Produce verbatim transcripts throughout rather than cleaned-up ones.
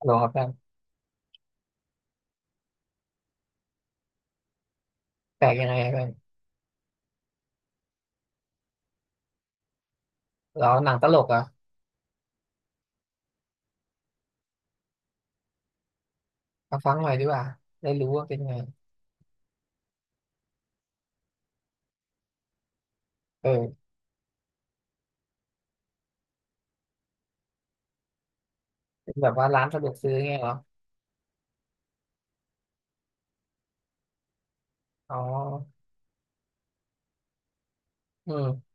โหลครับแฟนแปลกยังไงอะแฟนเราหนังตลกเหรอ่ะมาฟังหน่อยดีกว่าได้รู้ว่าเป็นไงเออเป็นแบบว่าร้านสะดวกซื้อไงเหรออ๋ออืม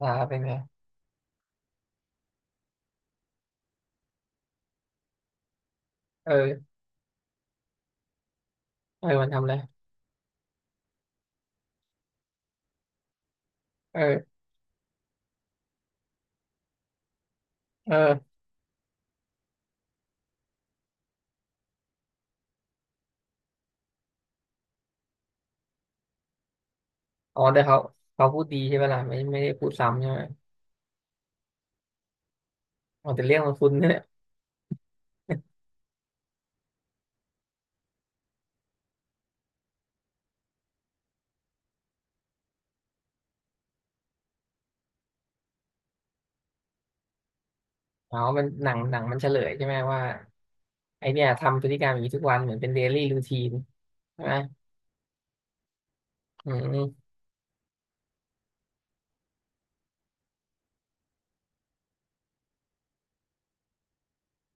อ่าเป็นไงเออเออมันทำอะไรเออเอออ๋อแต่เขาเขาพูดดีใช่ไหมล่ะไม่ไม่ได้พูดซ้ำใช่ไหมอ๋อแต่เรื่องมันคุ้นเนี่ยอ๋อมันหนังหนังมันเฉลยใช่ไหมว่าไอเนี่ยทำพฤติกรรมอย่างนี้ทุกวันเหมือนเป็นเดลี่รูทีนใช่ไหมอืม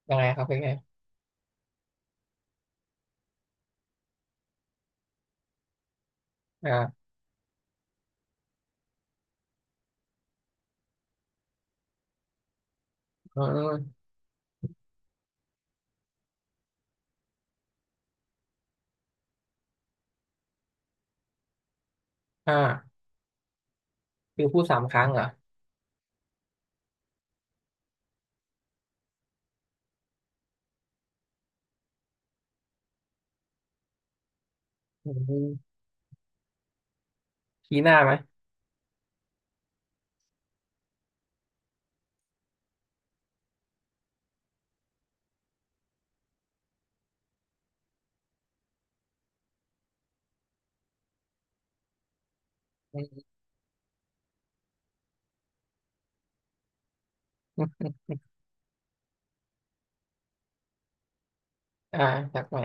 ยังไงครับเป็นไงอ่าอืมอ่าคือพูดสามครั้งเหรออืมชี้หน้าไหม อืมอ่าจากใหม่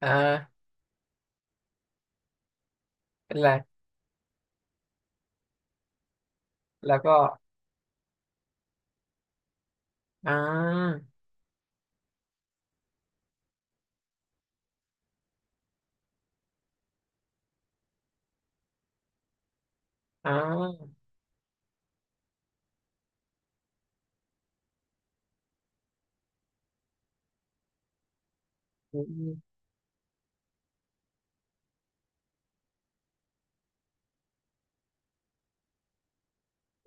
อ่าเป็นไรแล้วก็อ่าอ่าอืม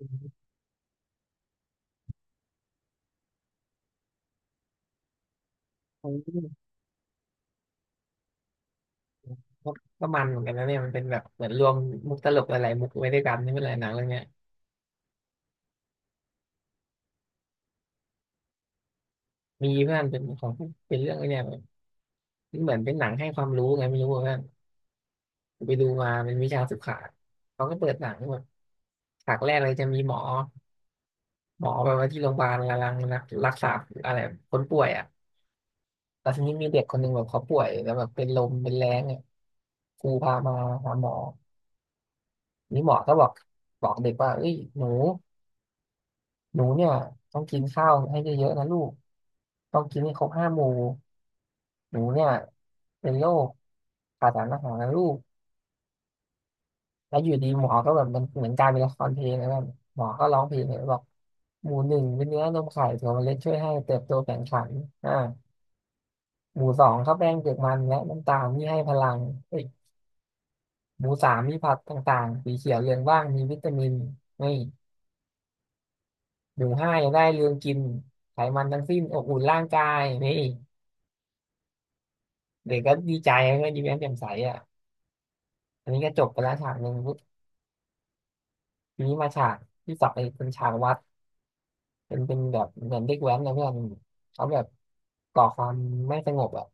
อืมอืมก็มันเหมือนกันนะเนี่ยมันเป็นแบบเหมือนรวมมุกตลกหลายๆมุกไว้ด้วยกันนี่เป็นไรหนังเรื่องเนี้ยมีเพื่อนเป็นของเป็นเรื่องไอ้เนี่ยมันเหมือนเป็นหนังให้ความรู้ไงไม่รู้ว่าเพื่อนไปดูมาเป็นวิชาศึกษาเขาก็เปิดหนังแบบฉากแรกเลยจะมีหมอหมอแบบว่าที่โรงพยาบาลกำลังรักษาอะไรคนป่วยอ่ะ แต่ทีนี้มีเด็กคนหนึ่งแบบเขาป่วยแล้วแบบเป็นลมเป็นแรงเนี่ยครูพามาหาหมอนี่หมอก็บอกบอกเด็กว่าเอ้ยหนูหนูเนี่ยต้องกินข้าวให้เยอะๆนะลูกต้องกินให้ครบห้าหมู่หนูเนี่ยเป็นโรคขาดสารอาหารนะลูกแล้วอยู่ดีหมอก็แบบมันเหมือนกลารเป็นละครเพลงนะแบบหมอก็ร้องเพลงเลยบอกหมู่หนึ่งเป็นเนื้อนมไข่ถั่วเมล็ดช่วยให้เติบโตแข็งขันอ่าหมู่สองข้าวแป้งเปลือกมันและน้ำตาลที่ให้พลังเอ้ย หมูสามมีผักต่างๆสีเขียวเรืองว่างมีวิตามินนี่หนูห้ายังได้เรืองกินไขมันทั้งสิ้นอบอุ่นร่างกายนี่เด็กก็ดีใจก็ยิ้มแย้มแจ่มใสอ่ะอันนี้ก็จบไปแล้วฉากหนึ่งปุ๊บทีนี้มาฉากที่สองไอ้เป็นฉากวัดเป็นเป็นแบบเหมือนเด็กแว้นนะเพื่อนเขาแบบก่อความไม่สงบอ่ะ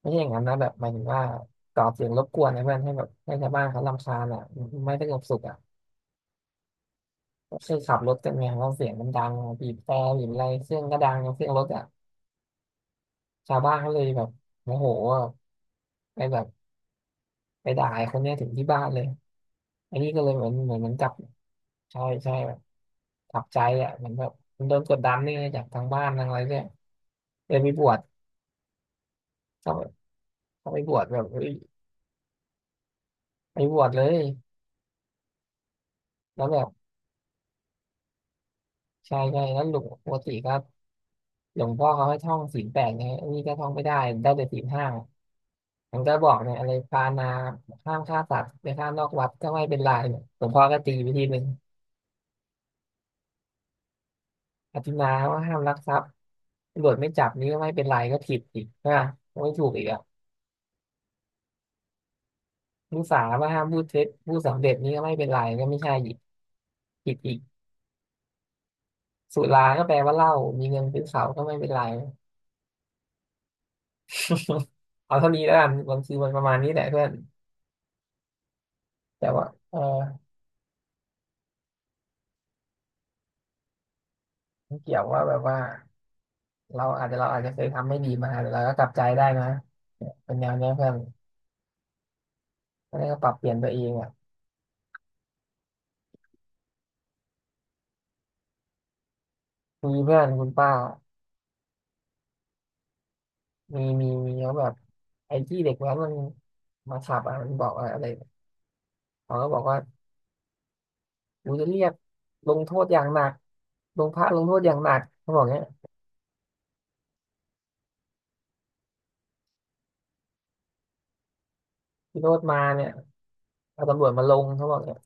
ไม่ใช่อย่างนั้นนะแบบหมายถึงว่าก่อเสียงรบกวนนะเพื่อนให้แบบให้ชาวบ้านเขารำคาญอ่ะไม่สงบสุขอ่ะก็คือขับรถกันไงเพราะเสียงมันดังบีบแตรบีบอะไรเสียงก็ดังเสียงรถอ่ะ ชาวบ้านเขาเลยแบบโมโหอะไปแบบไปด่าไอ้คนเนี้ยถึงที่บ้านเลย อันนี้ก็เลยเหมือนเหมือนเหมือนจับใช่ใช่แบบขับใจอ่ะเหมือนแบบมันโดนกดดันนี่จากทางบ้านทางอะไรเนี่ยเลยไปบวชเขาเขาไปบวชแบบเฮ้ยไปบวชเลยแล้วแบบใช่ใช่แล้วหลวงปกติก็หลวงพ่อเขาให้ท่องศีลแปดไงอันนี้ก็ท่องไม่ได้ได้แต่ศีลห้ามันก็บอกเนี่ยอะไรปานาห้ามฆ่าสัตว์ไปฆ่านอกวัดก็ไม่เป็นไรหลวงพ่อก็ตีไปทีหนึ่งอธินาว่าห้ามลักทรัพย์ ตำรวจไม่จับนี่ก็ไม่เป็นไรก็ผิดอีกนะไม่ถูกอีกอ่ะผู้สาว่าห้ามพูดเท็จผู้สำเร็จนี่ก็ไม่เป็นไรก็ไม่ใช่อีกผิดอีกสุราก็แปลว่าเหล้ามีเงินซื้อเขาก็ไม่เป็นไร เอาเท่านี้แล้วกันบางทีมันประมาณนี้แหละเพื่อนแต่ว่าเออมันเกี่ยวว่าแบบว่าเราอาจจะเราอาจจะเคยทำไม่ดีมาแต่เราก็กลับใจได้นะเนี่ยเป็นแนวเนี้ยเพื่อนก็ได้วก็ปรับเปลี่ยนตัวเองอ่ะคุยเพื่อนคุณป้ามีมีมีเขาแบบไอ้ที่เด็กแว้นมันมาขับอ่ะมันบอกว่าอะไรเขาก็บอกว่า โอ้จะเรียกลงโทษอย่างหนักลงพระลงโทษอย่างหนักเขาบอกเนี้ยพี่โรดมาเนี่ยเอาตำรวจมาลงเขาบอกเนี้ย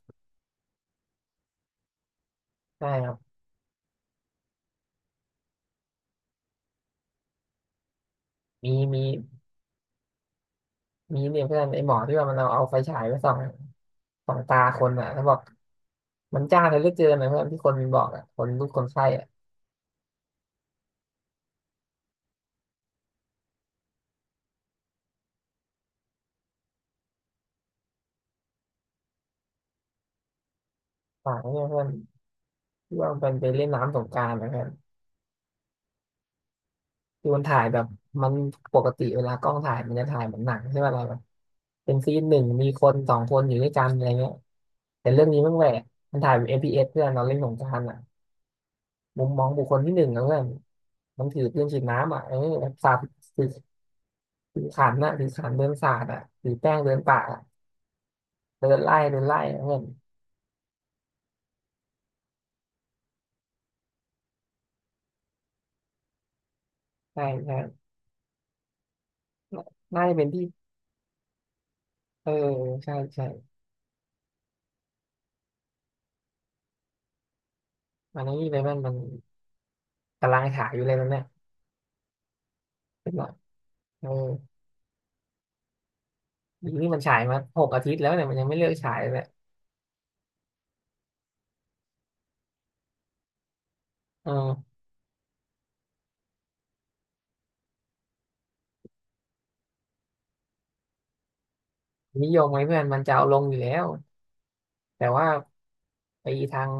ใช่ครับมีมีมีเนี่ยเพื่อนไอ้หมอที่ว่ามันเอาเอาไฟฉายไปส่องส่องตาคนอ่ะเขาบอกมันจ้าเลยเหลือเกินนะเพื่อนที่คนมันบอกอ่ะคนทุกคนไข้อ่ะฝากไว้เนี่ยเพื่อนที่ว่ามันเป็นไปเล่นน้ำสงกรานต์นะเพื่อน คือมันถ่ายแบบมันปกติเวลากล้องถ่ายมันจะถ่ายเหมือนหนังใช่ไหมเราแบบเป็นซีนหนึ่งมีคนสองคนอยู่ด้วยกันอะไรเงี้ยแต่เรื่องนี้มันแหวกมันถ่ายแบบ เอฟ พี เอส เอสเพื่อนเราเล่นสงครามอ่ะมุมมองบุคคลที่หนึ่งนะเพื่อนมันถือเครื่องฉีดน้ำอ่ะเออแบบสาดถือถือขันน่ะถือขันเดินสาดอ่ะถือแป้งเดินป่าอะเดินไล่เดินไล่อะเพื่อนใช่ใช่น่าน่าจะเป็นที่เออใช่ใช่มันนี่เลยมันมันกำลังถ่ายอยู่เลยมันเนี่ยเป็นหลักเออ นี่มันฉายมาหกอาทิตย์แล้วเนี่ยมันยังไม่เลิกฉายเลยเออนิยมไหมเพื่อนมันจะเอาลงอยู่แล้วแต่ว่าไอ้ทาง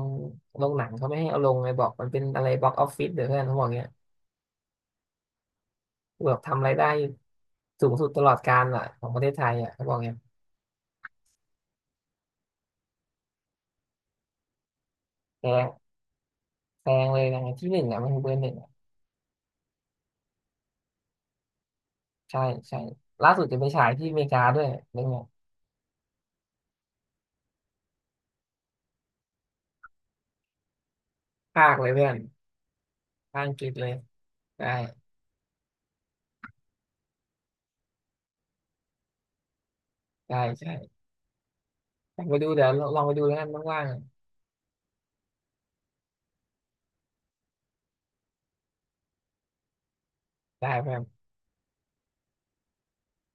โรงหนังเขาไม่ให้เอาลงไงบอกมันเป็นอะไรบ็อกออฟฟิศเดี๋ยวเพื่อนเขาบอกเงี้ยแบบทำรายได้สูงสุดตลอดกาลอ่ะของประเทศไทยอ่ะเขาบอกเงี้ยแพงแพงเลยนะที่หนึ่งอ่ะมันคือเบอร์หนึ่งอะใช่ใช่ล่าสุดจะไปฉายที่อเมริกาด้วยเรื่องเนี้ยภาคเลยเพื่อนภาคอังกฤษเลยได้ได้ใช่ลองไปดูเดี๋ยวลองไปดูแล้วกันว่างๆได้เพื่อน